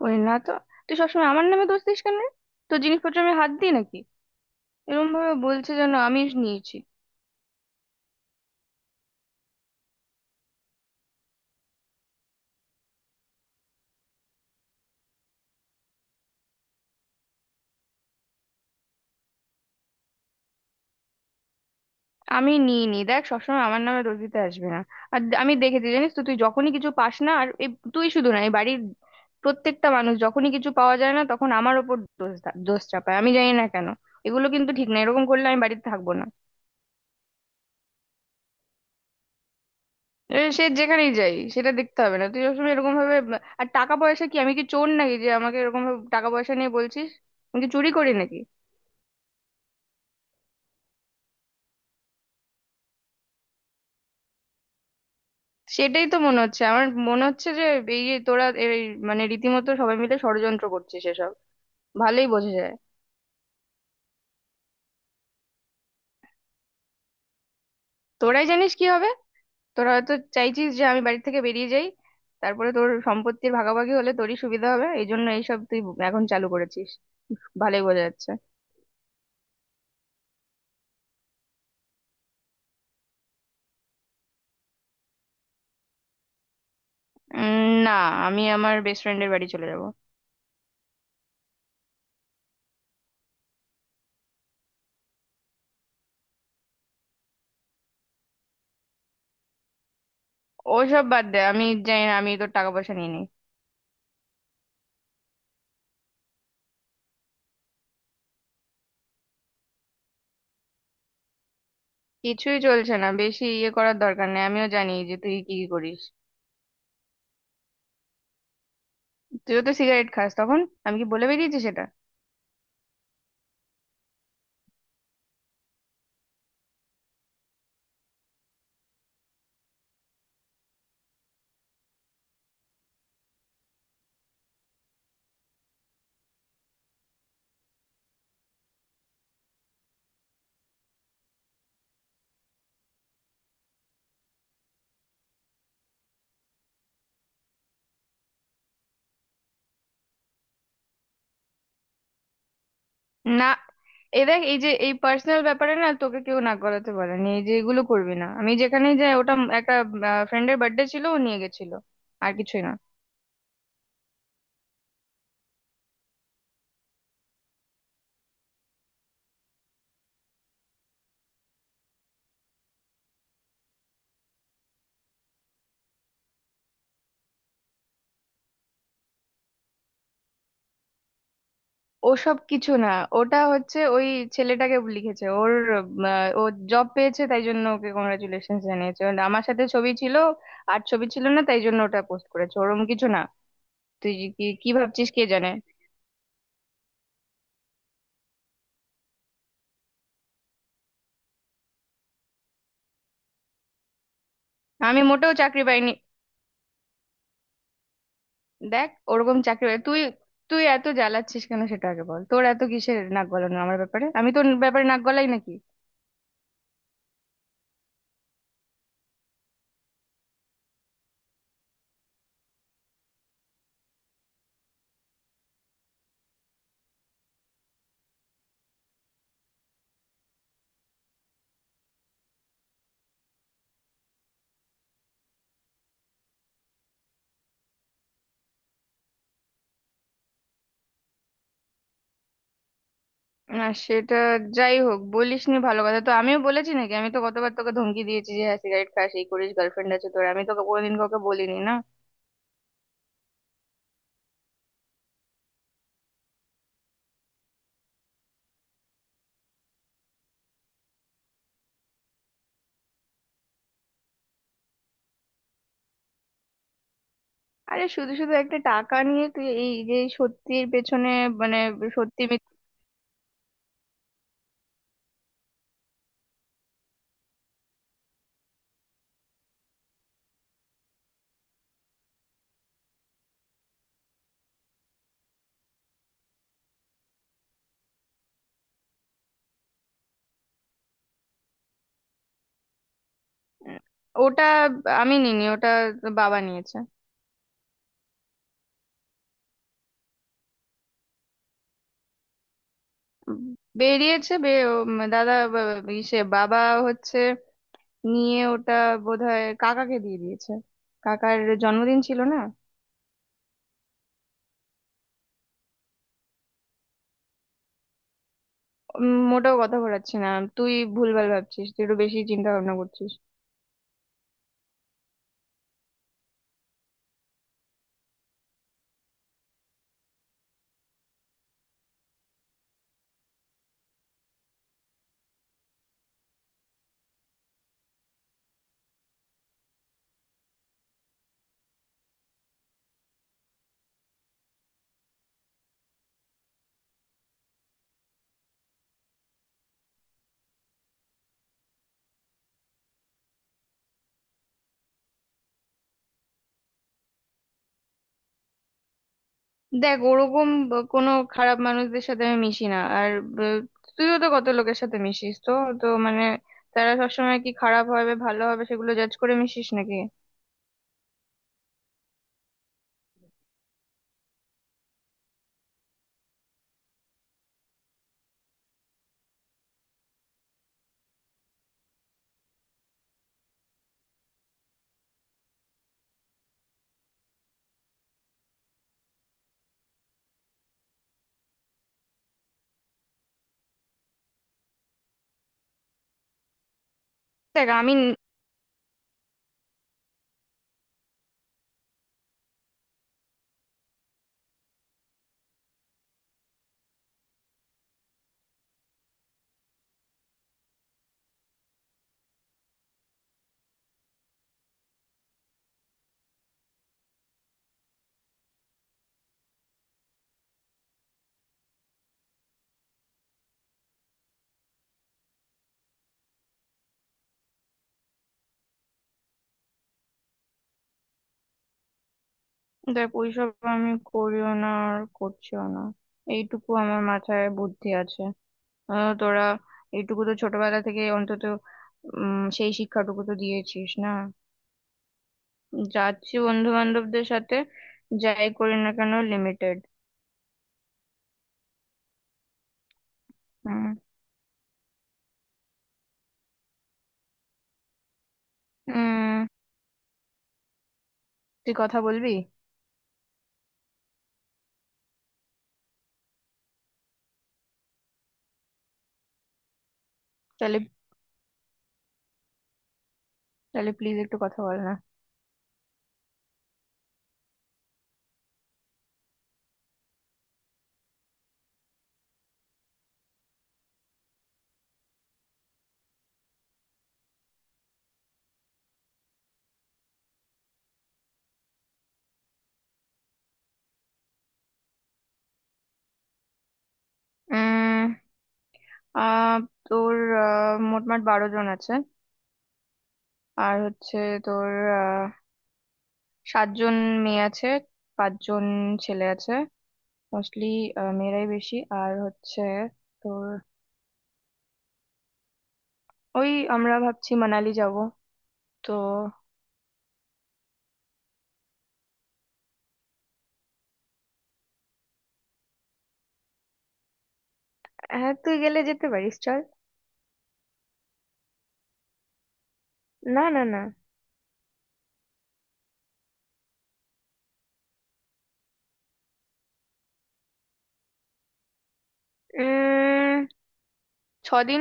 করি না তো। তুই সবসময় আমার নামে দোষ দিস কেন রে? তোর জিনিসপত্র আমি হাত দিই নাকি? এরকম ভাবে বলছে যেন আমি নিয়েছি। আমি নিই নি, দেখ, সবসময় আমার নামে দোষ দিতে আসবে না। আমি দেখেছি, জানিস তো, তুই যখনই কিছু পাস না, আর এই, তুই শুধু না, এই বাড়ির প্রত্যেকটা মানুষ যখনই কিছু পাওয়া যায় না তখন আমার ওপর দোষ দোষ চাপায়। আমি জানি না কেন। এগুলো কিন্তু ঠিক না, এরকম করলে আমি বাড়িতে থাকবো না। সে যেখানেই যাই সেটা দেখতে হবে না, তুই সবসময় এরকম ভাবে। আর টাকা পয়সা, কি আমি কি চোর নাকি যে আমাকে এরকম ভাবে টাকা পয়সা নিয়ে বলছিস? আমি কি চুরি করি নাকি? সেটাই তো মনে হচ্ছে, আমার মনে হচ্ছে যে এই যে তোরা এই, মানে রীতিমতো সবাই মিলে ষড়যন্ত্র করছিস এসব। ভালোই বোঝা যায়। তোরাই জানিস কি হবে। তোরা হয়তো চাইছিস যে আমি বাড়ি থেকে বেরিয়ে যাই, তারপরে তোর সম্পত্তির ভাগাভাগি হলে তোরই সুবিধা হবে, এই জন্য এইসব তুই এখন চালু করেছিস। ভালোই বোঝা যাচ্ছে। না। আমি আমার বেস্ট ফ্রেন্ডের বাড়ি চলে যাব। ওসব বাদ দে, আমি জানি না, আমি তোর টাকা পয়সা নিয়ে নিই? কিছুই চলছে না, বেশি ইয়ে করার দরকার নেই। আমিও জানি যে তুই কি কি করিস। তুইও তো সিগারেট খাস তখন। আমি কি বলে বেরিয়েছি সেটা? না, দেখ, এই যে এই পার্সোনাল ব্যাপারে না, তোকে কেউ না করাতে পারেনি। এই যে এগুলো করবি না। আমি যেখানেই যাই, ওটা একটা ফ্রেন্ডের বার্থডে ছিল, ও নিয়ে গেছিল। আর কিছুই না। ওসব কিছু না, ওটা হচ্ছে ওই ছেলেটাকে লিখেছে। ওর ও জব পেয়েছে তাই জন্য ওকে কংগ্রাচুলেশন জানিয়েছে। And আমার সাথে ছবি ছিল। আর ছবি ছিল না তাই জন্য ওটা পোস্ট করেছে। ওরম কিছু না। তুই কি কি ভাবছিস কে জানে। আমি মোটেও চাকরি পাইনি। দেখ, ওরকম তুই, তুই এত জ্বালাচ্ছিস কেন সেটা আগে বল। তোর এত কিসের নাক গলানো আমার ব্যাপারে? আমি তোর ব্যাপারে নাক গলাই নাকি? না সেটা, যাই হোক, বলিস নি ভালো কথা। তো আমিও বলেছি নাকি? আমি তো গতবার তোকে ধমকি দিয়েছি যে হ্যাঁ সিগারেট খাস এই করিস গার্লফ্রেন্ড আছে তোর, আমি তোকে কোনোদিন কাউকে বলিনি না? আরে শুধু শুধু একটা টাকা নিয়ে তুই এই যে সত্যির পেছনে। মানে সত্যি মিথ্যে-। উম, ওটা আমি নিনি, ওটা বাবা নিয়েছে। উম, বেরিয়েছে বে- উম, দাদা বা- ইসে, বাবা হচ্ছে নিয়ে ওটা, বোধহয় কাকাকে দিয়ে দিয়েছে। কাকার জন্মদিন ছিল না? মোটেও কথা ঘোরাচ্ছি না। তুই ভুলভাল ভাবছিস, তুই একটু বেশি চিন্তা ভাবনা করছিস। দেখ ওরকম কোনো খারাপ মানুষদের সাথে আমি মিশি না। তুইও তো কত লোকের সাথে মিশিস তো, তো মানে, তারা সবসময় কি খারাপ হবে ভালো হবে সেগুলো জাজ করে মিশিস নাকি? দেখ আমি ন- দেখ ওইসব আমি করিও না আর করছিও না। এইটুকু আমার মাথায় বুদ্ধি আছে। তোরা এইটুকু তো ছোটবেলা থেকে অন্তত সেই শিক্ষাটুকু তো দিয়েছিস না। যাচ্ছি বন্ধু বান্ধবদের সাথে, যাই করি না কেন লিমিটেড। হুম। উম তুই কথা বলবি? তাহলে, তাহলে প্লিজ একটু কথা বল না। উম আহ তোর আহ, মোটমাট 12 জন আছে। আর হচ্ছে তোর আহ, 7 জন মেয়ে আছে, 5 জন ছেলে আছে। মোস্টলি মেয়েরাই বেশি। আর হচ্ছে তোর ওই আমরা ভাবছি মানালি যাব তো। হ্যাঁ তুই গেলে যেতে পারিস, চল। না না না। উম 6 দিন।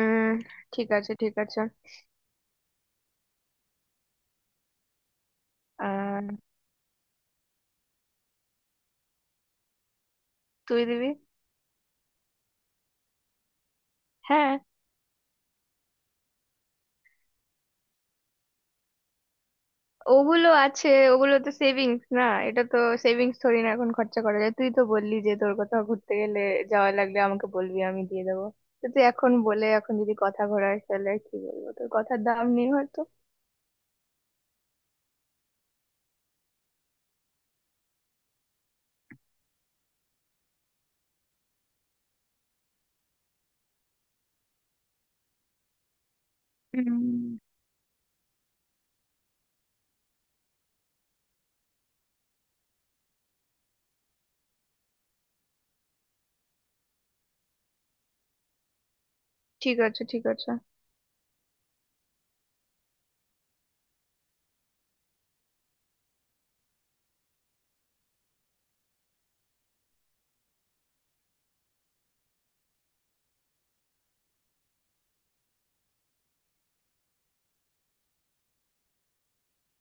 উম ঠিক আছে, ঠিক আছে। আহ তুই দিবি? হ্যাঁ। ওগুলো আছে, ওগুলো তো সেভিংস না। এটা তো সেভিংস থোড়ি না এখন খরচা করা যায়। তুই তো বললি যে তোর কোথাও ঘুরতে গেলে যাওয়া লাগলে আমাকে বলবি, আমি দিয়ে দেবো। তো তুই এখন বলে এখন যদি কথা ঘোরাস তাহলে আর কি বলবো। তোর কথার দাম নেই হয়তো। হুম, ঠিক আছে, ঠিক আছে।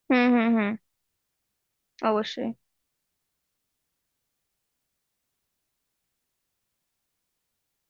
হুম হুম হুম। অবশ্যই।